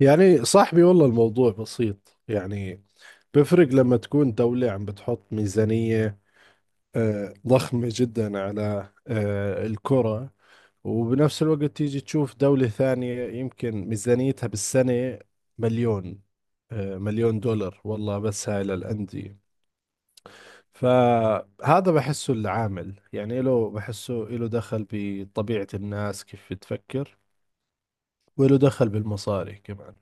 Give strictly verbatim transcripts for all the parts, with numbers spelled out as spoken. يعني صاحبي والله الموضوع بسيط يعني. بفرق لما تكون دولة عم بتحط ميزانية آه، ضخمة جدا على آه، الكرة، وبنفس الوقت تيجي تشوف دولة ثانية يمكن ميزانيتها بالسنة مليون، آه، مليون دولار والله، بس هاي للأندية. فهذا بحسه العامل، يعني له، بحسه له دخل بطبيعة الناس كيف بتفكر، وله دخل بالمصاري كمان.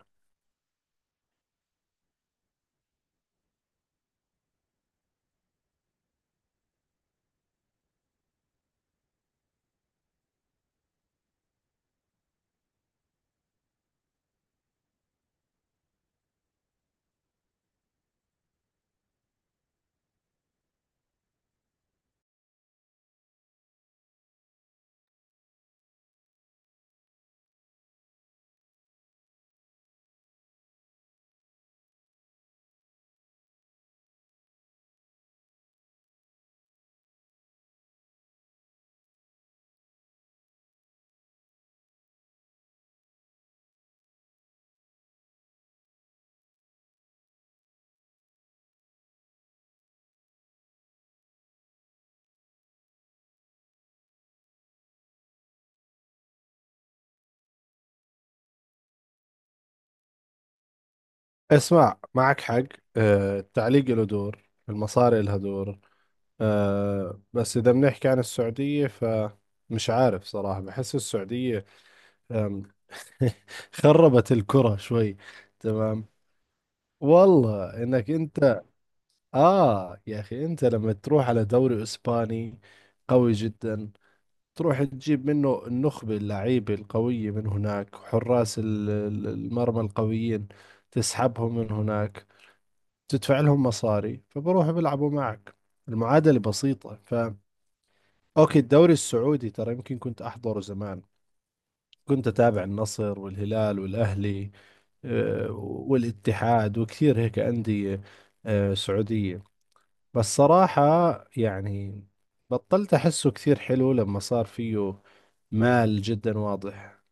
اسمع، معك حق. آه، التعليق له دور، المصاري لها دور. آه، بس إذا بنحكي عن السعودية فمش عارف صراحة، بحس السعودية آم، خربت الكرة شوي. تمام، والله إنك أنت. آه يا أخي، أنت لما تروح على دوري إسباني قوي جدا، تروح تجيب منه النخبة اللعيبة القوية من هناك، حراس ال- ال- المرمى القويين، تسحبهم من هناك، تدفع لهم مصاري فبروحوا بيلعبوا معك. المعادلة بسيطة. ف اوكي، الدوري السعودي ترى يمكن كنت احضره زمان، كنت اتابع النصر والهلال والاهلي، آه، والاتحاد وكثير هيك أندية آه، سعودية. بس صراحة يعني بطلت احسه كثير حلو لما صار فيه مال جدا واضح.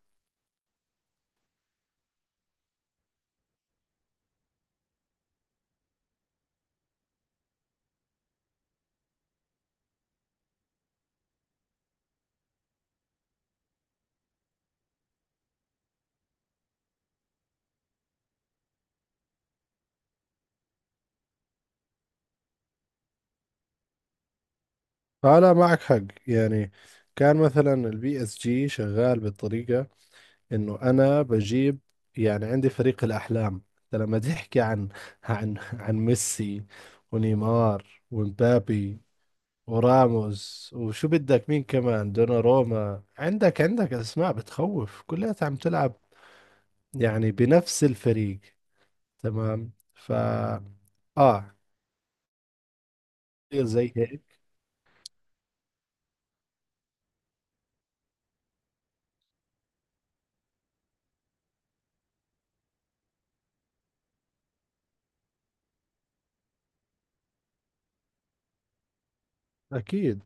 فلا، معك حق يعني. كان مثلا البي اس جي شغال بالطريقة انه انا بجيب يعني عندي فريق الاحلام. انت لما تحكي عن عن عن ميسي ونيمار ومبابي وراموس، وشو بدك مين كمان، دوناروما، عندك عندك اسماء بتخوف، كلها عم تلعب يعني بنفس الفريق. تمام. ف اه كتير زي هيك. اكيد.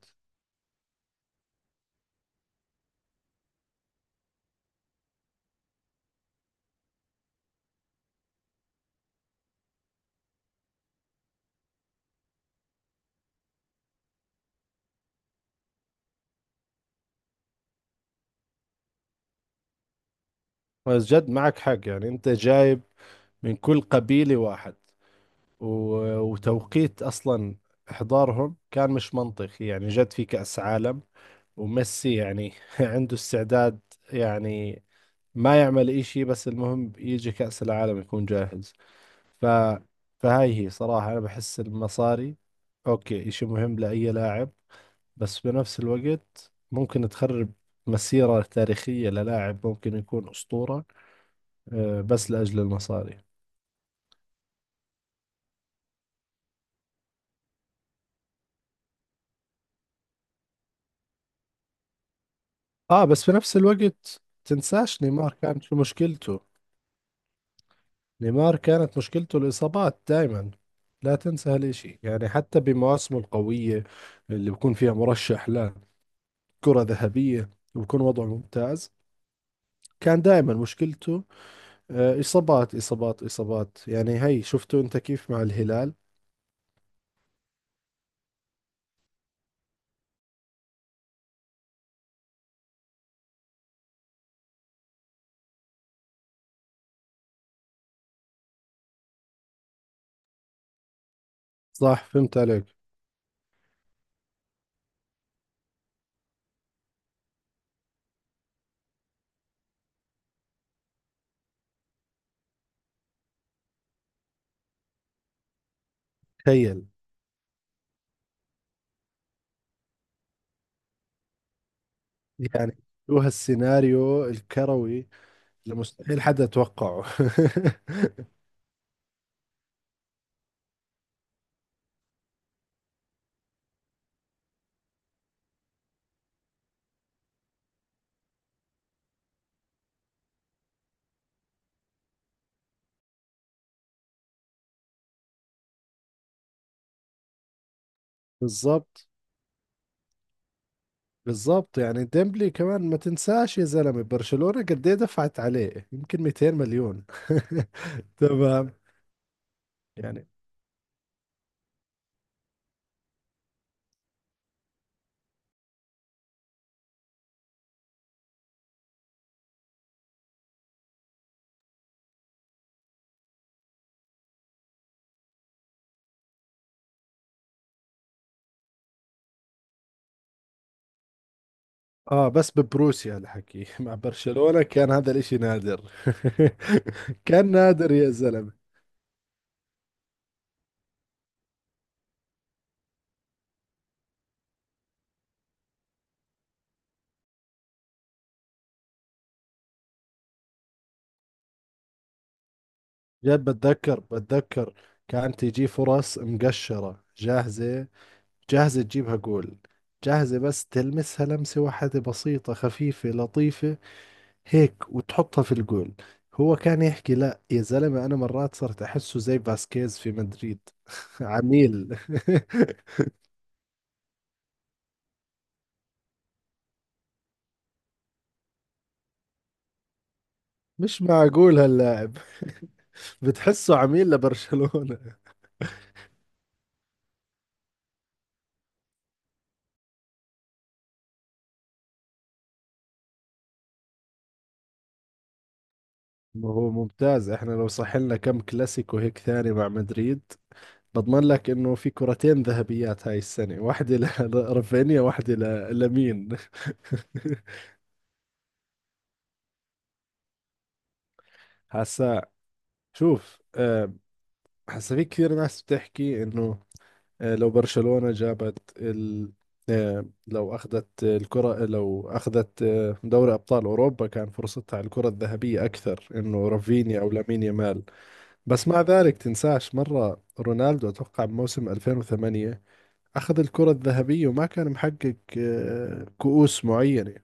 بس جد معك حق يعني، انت جايب من كل قبيلة واحد. و- وتوقيت أصلا إحضارهم كان مش منطقي يعني، جد في كأس عالم، وميسي يعني عنده استعداد يعني ما يعمل إشي، بس المهم يجي كأس العالم يكون جاهز. ف فهاي هي صراحة، أنا بحس المصاري أوكي، إشي مهم لأي لاعب، بس بنفس الوقت ممكن تخرب مسيرة تاريخية للاعب ممكن يكون أسطورة، آه، بس لأجل المصاري. اه بس في نفس الوقت تنساش نيمار كانت شو مشكلته. نيمار كانت مشكلته الإصابات دائما، لا تنسى هالإشي يعني. حتى بمواسمه القوية اللي بكون فيها مرشح لكرة ذهبية وبكون وضعه ممتاز، كان دائما مشكلته آه، إصابات إصابات إصابات. يعني هي شفتوا أنت كيف مع الهلال. صح، فهمت عليك. تخيل، يعني شو هالسيناريو الكروي اللي مستحيل حدا توقعه. بالضبط. بالظبط يعني ديمبلي كمان ما تنساش يا زلمة، برشلونة قد ايه دفعت عليه، يمكن مئتين مليون. تمام يعني. اه بس ببروسيا الحكي مع برشلونة كان هذا الاشي نادر. كان نادر يا زلمة. جد، بتذكر بتذكر، كان تيجي فرص مقشرة جاهزة، جاهزة تجيبها جول، جاهزة بس تلمسها لمسة واحدة بسيطة خفيفة لطيفة هيك وتحطها في الجول. هو كان يحكي لا يا زلمة، أنا مرات صرت أحسه زي فاسكيز في مدريد. عميل. مش معقول هاللاعب بتحسه عميل لبرشلونة. ما هو ممتاز، احنا لو صح لنا كم كلاسيكو هيك ثاني مع مدريد، بضمن لك انه في كرتين ذهبيات هاي السنة، واحدة ل- لرافينيا، واحدة ل- لمين. هسا، شوف آه، هسا في كثير ناس بتحكي انه آه، لو برشلونة جابت ال... آه، لو أخذت الكرة، لو أخذت آه، دوري أبطال أوروبا، كان فرصتها على الكرة الذهبية أكثر، إنه رافينيا أو لامين يامال. بس مع ذلك تنساش مرة رونالدو أتوقع بموسم ألفين وثمانية أخذ الكرة الذهبية وما كان محقق آه، كؤوس معينة،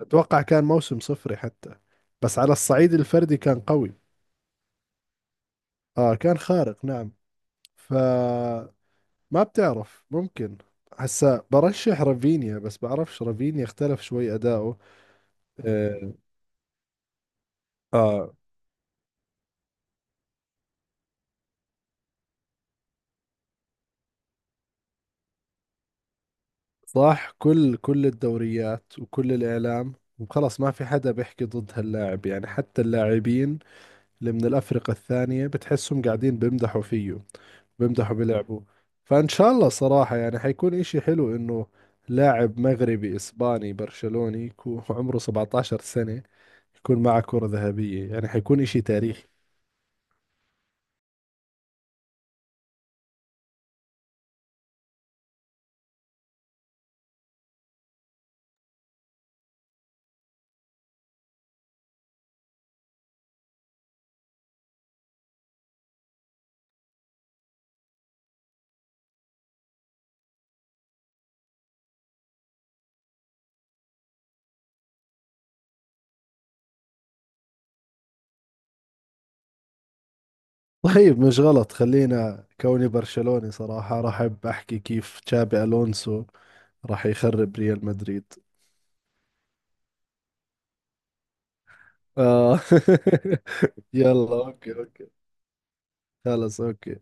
أتوقع كان موسم صفري حتى، بس على الصعيد الفردي كان قوي. آه كان خارق نعم. ف ما بتعرف، ممكن هسا برشح رافينيا، بس بعرفش رافينيا اختلف شوي أداؤه. آه, آه صح، كل كل الدوريات وكل الإعلام، وخلص ما في حدا بيحكي ضد هاللاعب، يعني حتى اللاعبين اللي من الأفرقة الثانية بتحسهم قاعدين بيمدحوا فيه، بيمدحوا بلعبه. فإن شاء الله صراحة، يعني حيكون إشي حلو إنه لاعب مغربي إسباني برشلوني يكون عمره سبعة عشر سنة، يكون معه كرة ذهبية، يعني حيكون إشي تاريخي. طيب مش غلط، خلينا كوني برشلوني صراحة راح أحب أحكي كيف تشابي ألونسو راح يخرب ريال مدريد. آه يلا أوكي أوكي. خلص أوكي.